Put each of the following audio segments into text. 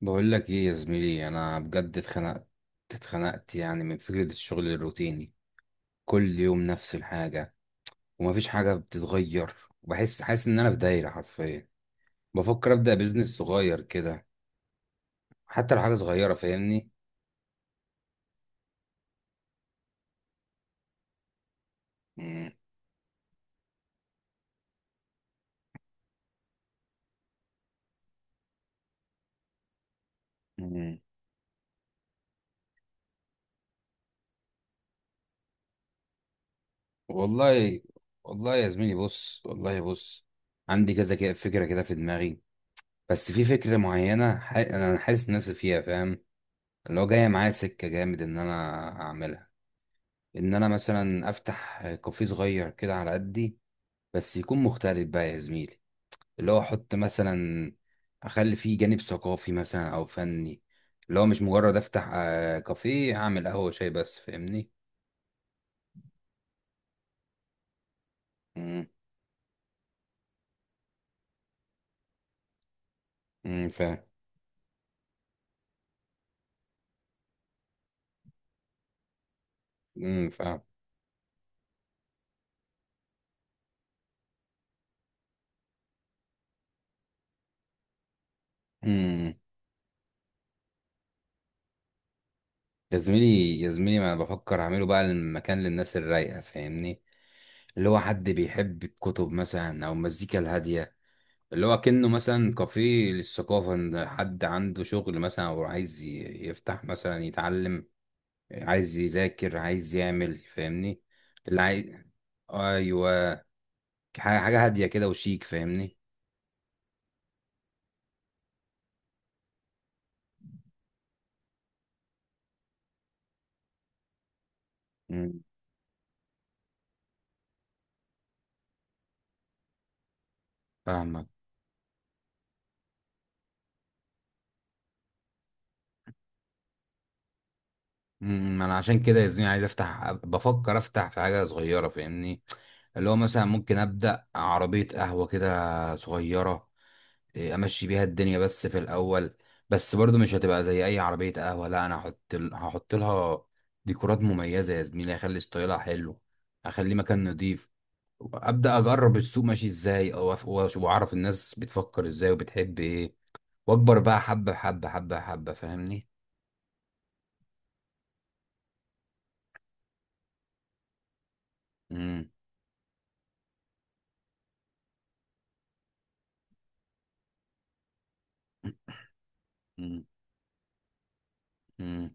بقول لك ايه يا زميلي، انا بجد اتخنقت. يعني من فكرة الشغل الروتيني. كل يوم نفس الحاجة، ومفيش حاجة بتتغير، وبحس حاسس ان انا في دايرة حرفيا. بفكر ابدأ بيزنس صغير كده، حتى لو حاجة صغيرة. فاهمني؟ مم. مم. والله والله يا زميلي، بص. والله بص، عندي كذا كده فكرة كده في دماغي. بس في فكرة معينة انا حاسس نفسي فيها. فاهم؟ اللي هو جاية معايا سكة جامد ان انا اعملها، ان انا مثلا افتح كافيه صغير كده على قدي. بس يكون مختلف بقى يا زميلي. اللي هو احط مثلا، اخلي فيه جانب ثقافي مثلا او فني. اللي هو مش مجرد افتح كافيه، اعمل قهوة شاي بس. فاهمني؟ امم، أمم، فاهم. امم، فاهم. امم، يا زميلي يا زميلي، ما انا بفكر اعمله بقى المكان للناس الرايقة. فاهمني؟ اللي هو حد بيحب الكتب مثلا او المزيكا الهادية. اللي هو كأنه مثلا كافيه للثقافة، إن حد عنده شغل مثلا، أو عايز يفتح مثلا يتعلم، عايز يذاكر، عايز يعمل. فاهمني؟ اللي عايز. أيوه. حاجة هادية كده وشيك. فاهمني؟ مم. فاهمك. مم، ما أنا عشان كده يا زميلي، عايز أفتح بفكر أفتح في حاجة صغيرة. فاهمني؟ اللي هو مثلا ممكن أبدأ عربية قهوة كده صغيرة. امشي بيها الدنيا بس في الاول. بس برضو مش هتبقى زي اي عربيه قهوه. لا، انا هحط لها ديكورات مميزه يا زميلي، هخلي ستايلها حلو، هخليه مكان نضيف. ابدا اجرب السوق ماشي ازاي، واعرف الناس بتفكر ازاي وبتحب ايه، واكبر بقى حبه حبه حبه حبه. فاهمني؟ امم. امم. أمم.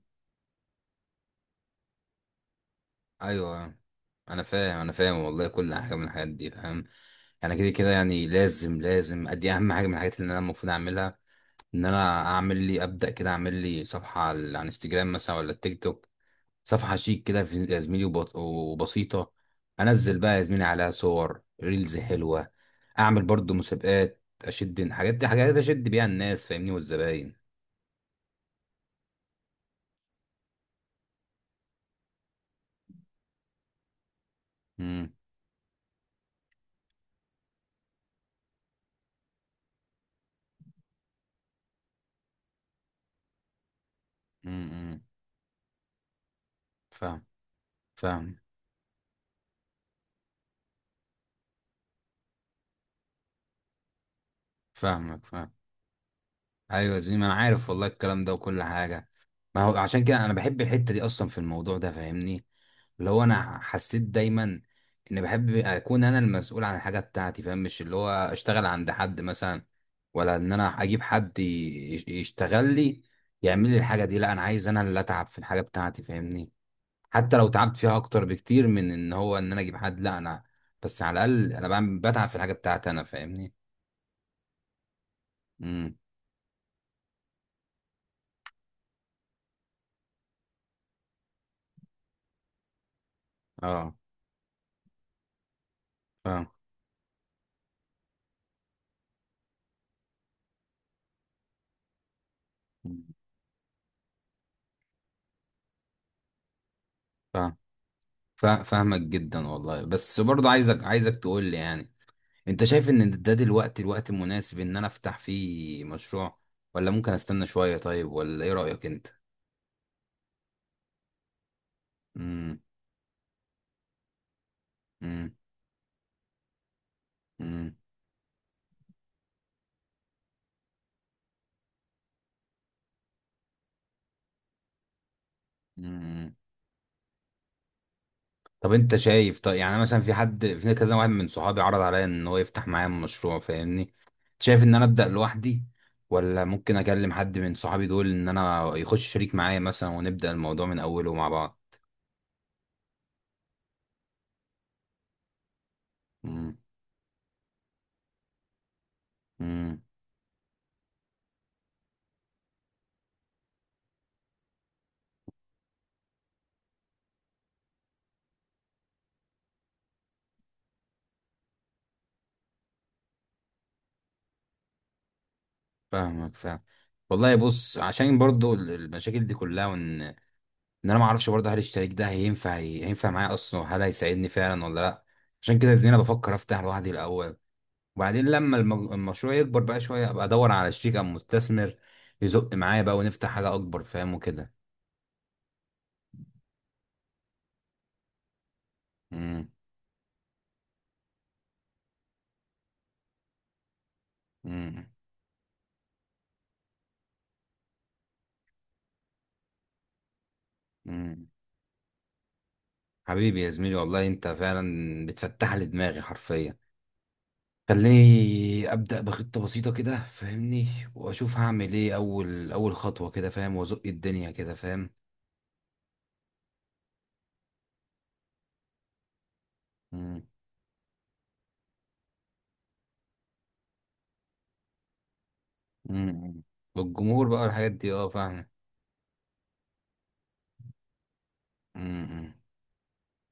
ايوه، انا فاهم، انا فاهم والله. كل حاجه من الحاجات دي فاهم. يعني كده كده يعني، لازم ادي اهم حاجه من الحاجات اللي انا المفروض اعملها. ان انا اعمل لي ابدا كده، اعمل لي صفحه على انستجرام مثلا، ولا التيك توك. صفحه شيك كده يا زميلي وبسيطه. انزل بقى يا زميلي عليها صور ريلز حلوه. اعمل برضو مسابقات، اشد الحاجات دي، حاجات اشد بيها الناس. فاهمني؟ والزباين. امم. امم. إمم. فاهم. فاهم. فاهمك. فاهم. ايوه زي ما انا عارف والله، الكلام ده وكل حاجه. ما هو عشان كده انا بحب الحته دي اصلا في الموضوع ده. فاهمني؟ اللي هو انا حسيت دايما ان بحب اكون انا المسؤول عن الحاجه بتاعتي. فاهم؟ مش اللي هو اشتغل عند حد مثلا، ولا ان انا اجيب حد يشتغل لي، يعمل لي الحاجه دي. لا، انا عايز انا اللي اتعب في الحاجه بتاعتي. فاهمني؟ حتى لو تعبت فيها اكتر بكتير من ان هو ان انا اجيب حد، لا انا بس على الاقل انا بعمل بتعب في الحاجه بتاعتي انا. فاهمني؟ امم. اه. فاهم. فاهم. فاهمك جدا والله. بس برضو عايزك تقول لي، يعني انت شايف ان ده دلوقتي الوقت المناسب ان انا افتح فيه مشروع، ولا ممكن استنى شوية؟ طيب، ولا ايه رأيك انت؟ امم. امم. امم. امم. طب انت شايف؟ طيب يعني مثلا في حد، في كذا واحد من صحابي عرض عليا ان هو يفتح معايا مشروع. فاهمني؟ شايف ان انا ابدأ لوحدي، ولا ممكن اكلم حد من صحابي دول ان انا يخش شريك معايا مثلا ونبدأ الموضوع من اوله مع بعض؟ امم. فاهمك. فاهم. والله بص، عشان برضو المشاكل دي كلها، وان ان انا ما اعرفش برضو هل الشريك ده هينفع معايا اصلا، وهل هيساعدني فعلا ولا لا. عشان كده يا زميلي انا بفكر افتح لوحدي الاول، وبعدين لما المشروع يكبر بقى شويه، ابقى ادور على شريك او مستثمر يزق معايا بقى، ونفتح حاجه اكبر. فاهم؟ وكده. امم. امم. امم. حبيبي يا زميلي والله، انت فعلا بتفتح لي دماغي حرفيا. خليني ابدا بخطه بسيطه كده. فاهمني؟ واشوف هعمل ايه اول اول خطوه كده. فاهم؟ وازق الدنيا كده. فاهم؟ مم. مم. والجمهور بقى، الحاجات دي، اه. فاهم؟ مم.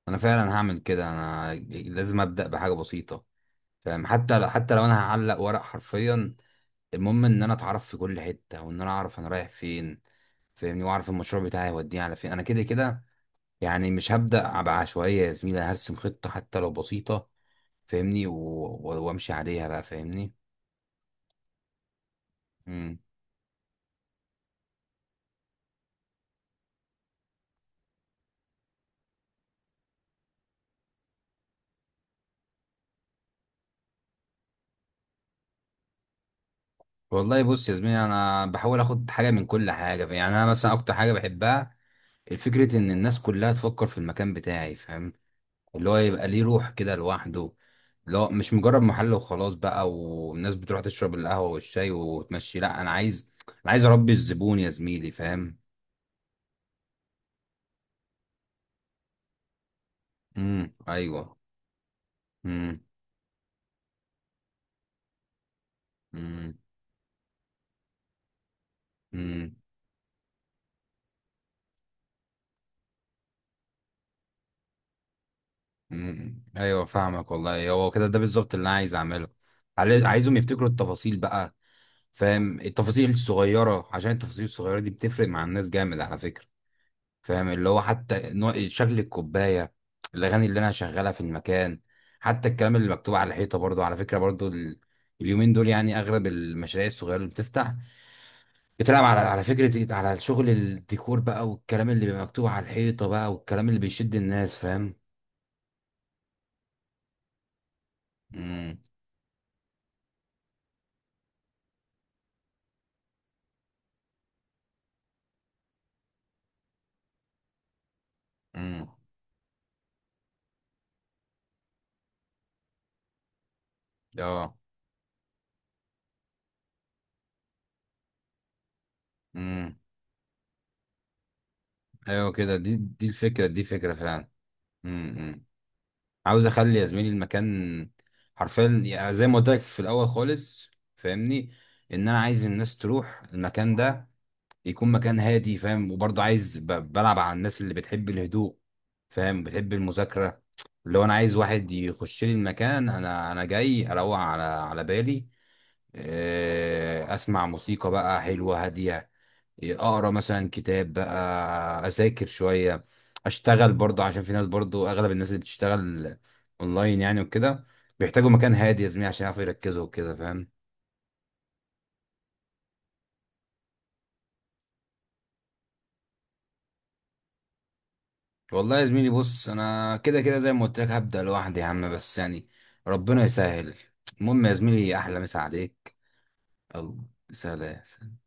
انا فعلا هعمل كده، انا لازم ابدا بحاجه بسيطه. فاهم؟ حتى لو انا هعلق ورق حرفيا، المهم ان انا اتعرف في كل حته، وان انا اعرف انا رايح فين. فاهمني؟ واعرف المشروع بتاعي هيوديني على فين انا كده كده يعني. مش هبدا بعشوائيه يا زميلي، هرسم خطه حتى لو بسيطه. فاهمني؟ وامشي عليها بقى. فاهمني؟ امم. والله بص يا زميلي، انا بحاول اخد حاجه من كل حاجه. يعني انا مثلا اكتر حاجه بحبها، الفكرة ان الناس كلها تفكر في المكان بتاعي. فاهم؟ اللي هو يبقى ليه روح كده لوحده. اللي هو مش مجرد محل وخلاص بقى، والناس بتروح تشرب القهوه والشاي وتمشي. لا، انا عايز، انا عايز اربي الزبون يا زميلي. فاهم؟ امم. ايوه. امم. امم. مم. ايوه فاهمك والله. هو كده، ده بالظبط اللي انا عايز اعمله. عايزهم يفتكروا التفاصيل بقى. فاهم؟ التفاصيل الصغيره، عشان التفاصيل الصغيره دي بتفرق مع الناس جامد على فكره. فاهم؟ اللي هو حتى نوع شكل الكوبايه، الاغاني اللي انا هشغلها في المكان، حتى الكلام اللي مكتوب على الحيطه برضو على فكره. برضو اليومين دول يعني اغلب المشاريع الصغيره اللي بتفتح، بتلعب على فكره على شغل الديكور بقى، والكلام اللي بيبقى مكتوب على الحيطه بقى، والكلام اللي بيشد الناس. فاهم؟ امم. امم. اه. امم. ايوه كده، دي الفكره، دي فكره فعلا. امم. عاوز اخلي يا زميلي المكان حرفيا، يعني زي ما قلت لك في الاول خالص. فاهمني؟ ان انا عايز الناس تروح المكان ده، يكون مكان هادي. فاهم؟ وبرضه عايز بلعب على الناس اللي بتحب الهدوء. فاهم؟ بتحب المذاكره. اللي هو انا عايز واحد يخش لي المكان، انا جاي اروق على بالي. اسمع موسيقى بقى حلوه هاديه، اقرا مثلا كتاب بقى، اذاكر شويه، اشتغل برضه. عشان في ناس برضه، اغلب الناس اللي بتشتغل اونلاين يعني وكده، بيحتاجوا مكان هادي يا زميلي عشان يعرفوا يركزوا وكده. فاهم؟ والله يا زميلي بص، انا كده كده زي ما قلت لك هبدا لوحدي يا عم. بس يعني ربنا يسهل. المهم يا زميلي، احلى مسا عليك. الله. سلام.